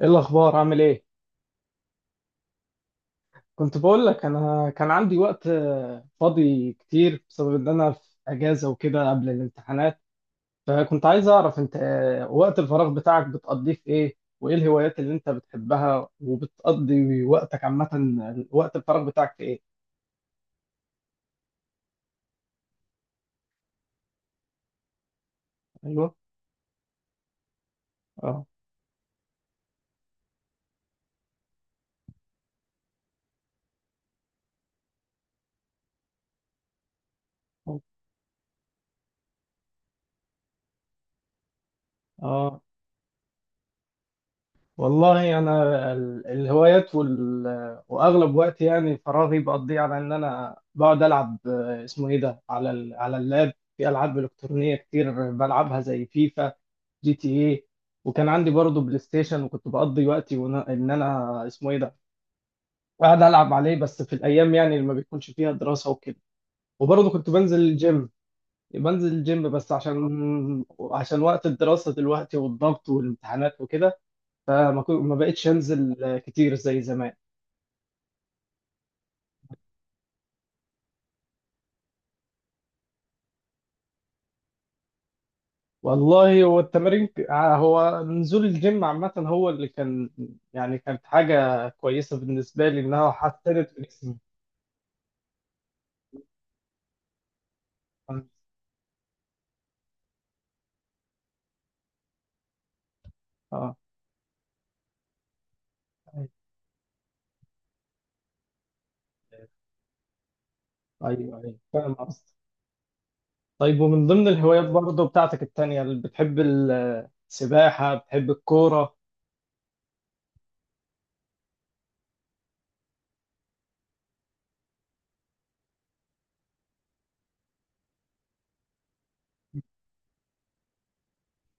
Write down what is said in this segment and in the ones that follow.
ايه الاخبار عامل ايه؟ كنت بقول لك انا كان عندي وقت فاضي كتير بسبب ان انا في اجازه وكده قبل الامتحانات. فكنت عايز اعرف انت، وقت الفراغ بتاعك بتقضيه في ايه، وايه الهوايات اللي انت بتحبها وبتقضي وقتك عامه؟ وقت الفراغ بتاعك في ايه؟ ايوه. اه. اه. والله انا الهوايات واغلب وقتي يعني فراغي بقضيه على ان انا بقعد العب، آه، اسمه ايه ده على على اللاب في العاب الكترونيه كتير بلعبها زي فيفا، جي تي اي. وكان عندي برضه بلاي ستيشن، وكنت بقضي وقتي ونا... ان انا اسمه ايه ده قاعد العب عليه، بس في الايام يعني اللي ما بيكونش فيها دراسه وكده. وبرضه كنت بنزل الجيم. بنزل الجيم بس عشان، عشان وقت الدراسه دلوقتي والضغط والامتحانات وكده، ما بقتش انزل كتير زي زمان. والله هو التمارين ك- آه، هو نزول الجيم عامة هو اللي كان يعني كانت حاجة كويسة بالنسبة لي، إنها حسنت في جسمي. اه. آه. أيوه، أيوه فاهم قصدك. طيب، ومن ضمن الهوايات برضه بتاعتك التانية اللي بتحب، السباحة؟ بتحب الكورة؟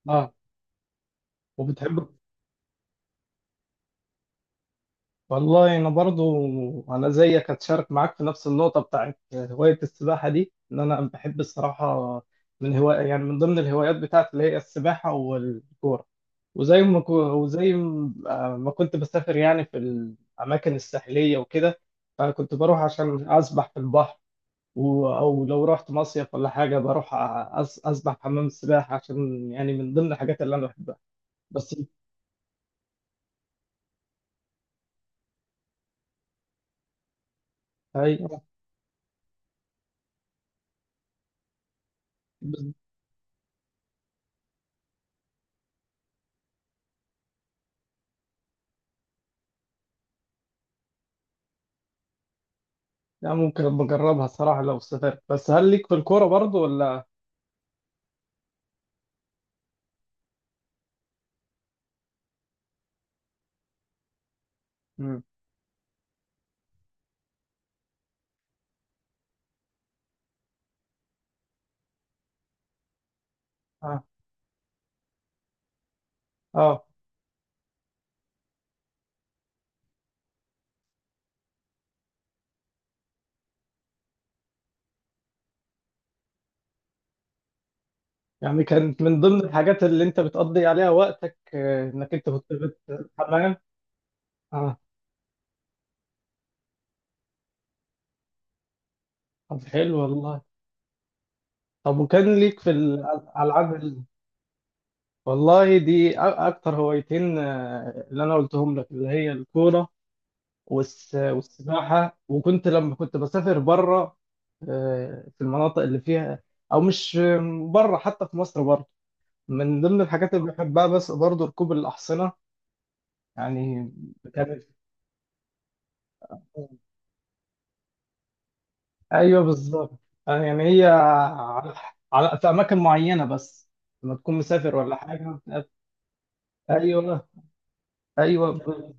اه. وبتحب. والله انا برضو انا زيك، هتشارك معاك في نفس النقطه بتاعت هوايه السباحه دي. ان انا بحب الصراحه من هوايه يعني من ضمن الهوايات بتاعتي اللي هي السباحه والكوره. وزي ما ما كنت بسافر يعني في الاماكن الساحليه وكده، فكنت بروح عشان اسبح في البحر. او لو رحت مصيف ولا حاجه بروح اسبح في حمام السباحه، عشان يعني من ضمن الحاجات اللي انا بحبها. بس أيوة. لا ممكن بجربها الصراحة لو سافرت. بس هل ليك في الكورة برضو ولا؟ مم. اه. اه يعني كانت من ضمن الحاجات اللي انت بتقضي عليها وقتك، انك انت كنت بتتحمل. اه. طب حلو والله. طب وكان ليك في الألعاب والله دي أكتر هوايتين اللي أنا قلتهم لك، اللي هي الكورة والسباحة. وكنت لما كنت بسافر بره، في المناطق اللي فيها، أو مش بره، حتى في مصر، بره من ضمن الحاجات اللي بحبها بس برضه ركوب الأحصنة يعني. كانت. مم. أيوه بالظبط. يعني هي على في أماكن معينة بس لما تكون مسافر ولا حاجة. أيوه. أيوه ب-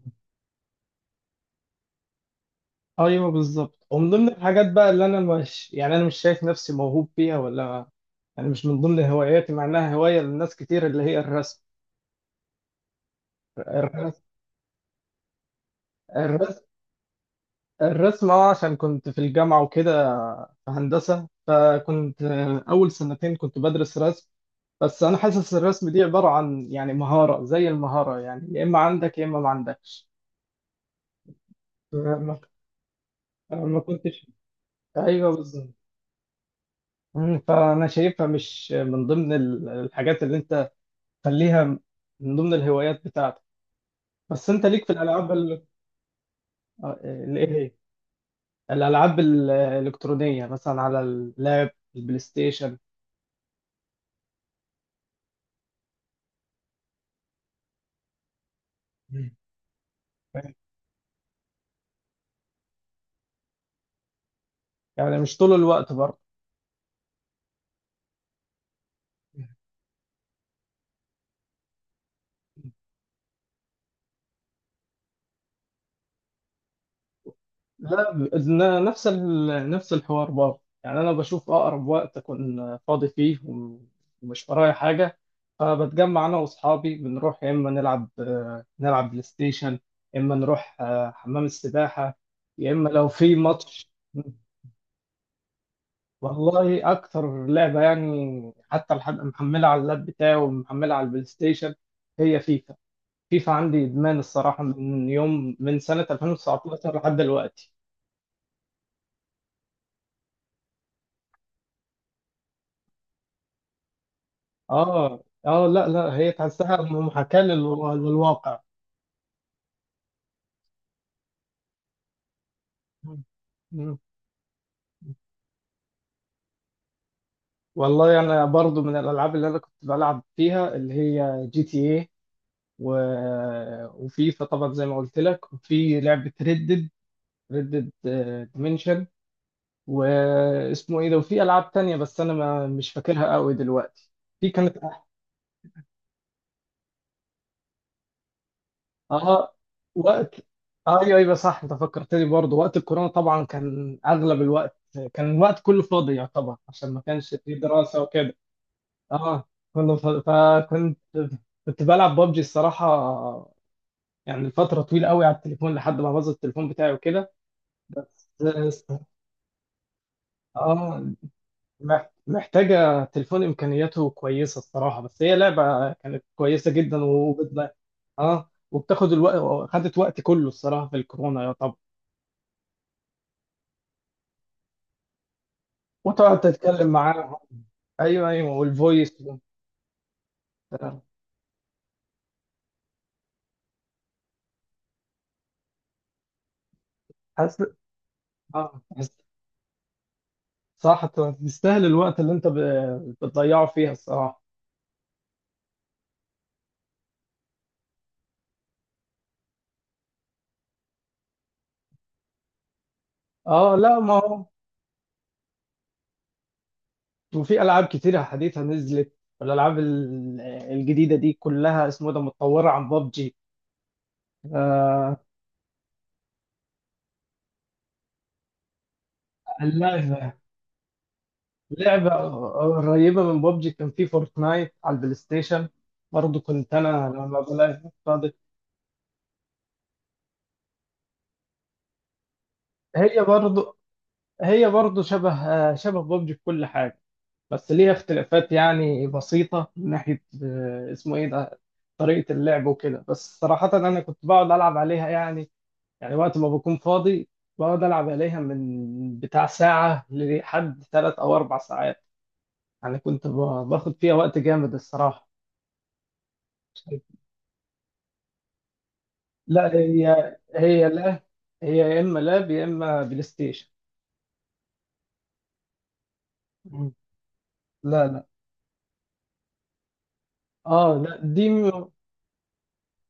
أيوه بالظبط. ومن ضمن الحاجات بقى اللي أنا مش يعني أنا مش شايف نفسي موهوب فيها ولا يعني مش من ضمن هواياتي، مع إنها هواية لناس كتير، اللي هي الرسم. الرسم. الرسم. اه عشان كنت في الجامعة وكده، في هندسة، فكنت أول سنتين كنت بدرس رسم. بس انا حاسس الرسم دي عباره عن يعني مهاره، زي المهاره يعني يا اما عندك يا اما ما عندكش. ما أنا ما كنتش ايوه بالظبط. فانا شايفها مش من ضمن الحاجات اللي انت خليها من ضمن الهوايات بتاعتك. بس انت ليك في الالعاب ايه هي الالعاب الالكترونيه مثلا على اللاب، البلاي ستيشن. مم. يعني مش طول الوقت برضه. لا ب- ن- نفس نفس الحوار برضه يعني. انا بشوف اقرب وقت اكون فاضي فيه ومش ورايا حاجه، فبتجمع انا واصحابي بنروح يا اما نلعب، نلعب بلاي ستيشن، يا اما نروح حمام السباحه، يا اما لو في ماتش. والله اكتر لعبه يعني حتى لحد محملها على اللاب بتاعي ومحملها على البلاي ستيشن هي فيفا. فيفا عندي ادمان الصراحه من يوم، من سنه 2019 لحد دلوقتي. اه. اه. لا لا، هي تحسها محاكاة للواقع. مم. مم. والله انا برضو من الالعاب اللي انا كنت بلعب فيها اللي هي جي تي اي و... وفيفا طبعا زي ما قلت لك، وفي لعبة ريدد، ريدد ديمنشن واسمه ايه ده وفي العاب تانية بس انا ما مش فاكرها قوي دلوقتي. في كانت اه وقت آه، ايوه ايوه صح انت فكرتني برضه وقت الكورونا طبعا كان اغلب الوقت، كان الوقت كله فاضي يعتبر عشان ما كانش فيه دراسه وكده. اه كله ف... فكنت كنت بلعب ببجي الصراحه يعني فتره طويله قوي على التليفون لحد ما باظ التليفون بتاعي وكده. بس- اه محتاجه تليفون امكانياته كويسه الصراحه، بس هي لعبه كانت كويسه جدا اه وبتاخد الوقت، خدت وقت كله الصراحه في الكورونا يعتبر. وتقعد تتكلم معاهم. ايوه ايوه والفويس. ده. حاسس. اه حاسس. صح. تستاهل الوقت اللي انت بتضيعه فيها الصراحه. اه لا ما هو وفي العاب كتيره حديثه نزلت، والالعاب الجديده دي كلها اسمه ده متطوره عن ببجي. آه. اللعبه لعبه قريبه من ببجي كان في فورتنايت على البلاي ستيشن برضه، كنت انا لما بلاقي فاضي. هي برضه هي برضه شبه، شبه ببجي في كل حاجه بس ليها اختلافات يعني بسيطة من ناحية آه، اسمه ايه ده طريقة اللعب وكده. بس صراحة أنا كنت بقعد ألعب عليها يعني، يعني وقت ما بكون فاضي بقعد ألعب عليها من بتاع ساعة لحد ثلاث أو أربع ساعات يعني، كنت باخد فيها وقت جامد الصراحة. لا، هي يا إما لاب يا إما بلاي ستيشن. مم. لا لا. اه لا دي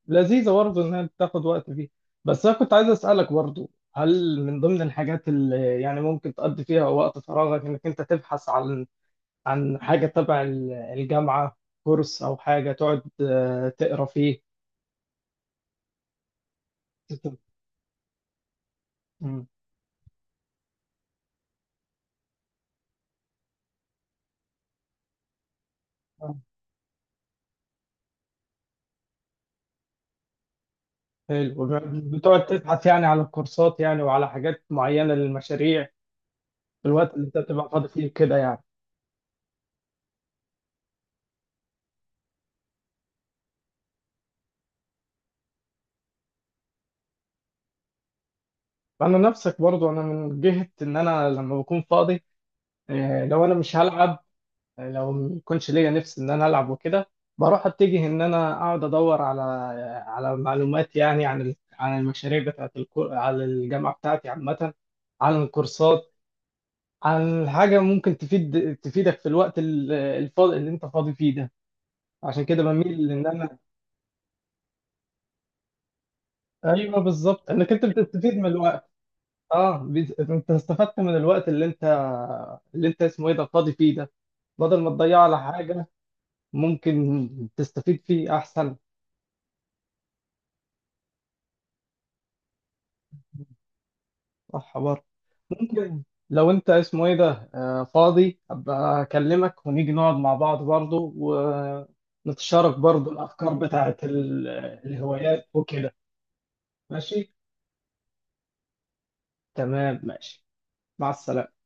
لذيذة برضه إنها بتاخد وقت فيه. بس أنا كنت عايز أسألك برضه، هل من ضمن الحاجات اللي يعني ممكن تقضي فيها وقت فراغك إنك أنت تبحث عن، عن حاجة تبع الجامعة، كورس أو حاجة تقعد تقرا فيه؟ مم. آه، حلو. بتقعد تبحث يعني على الكورسات يعني وعلى حاجات معينة للمشاريع في الوقت اللي أنت بتبقى فاضي فيه كده يعني. أنا نفسك برضه، أنا من جهة إن أنا لما بكون فاضي، لو أنا مش هلعب، لو ما يكونش ليا نفس ان انا العب وكده، بروح اتجه ان انا اقعد ادور على، على معلومات يعني عن عن المشاريع على الجامعه بتاعتي عامه، عن الكورسات، عن حاجه ممكن تفيد، تفيدك في الوقت الفاضي اللي انت فاضي فيه ده. عشان كده بميل ان انا. ايوه بالظبط انك انت بتستفيد من الوقت. اه انت استفدت من الوقت اللي انت، اللي انت اسمه ايه ده فاضي فيه ده بدل ما تضيعه على حاجه، ممكن تستفيد فيه احسن. صح برضه. ممكن لو انت اسمه ايه ده فاضي، ابقى اكلمك ونيجي نقعد مع بعض برضه ونتشارك برضه الافكار بتاعت الهوايات وكده. ماشي، تمام ماشي، مع السلامة.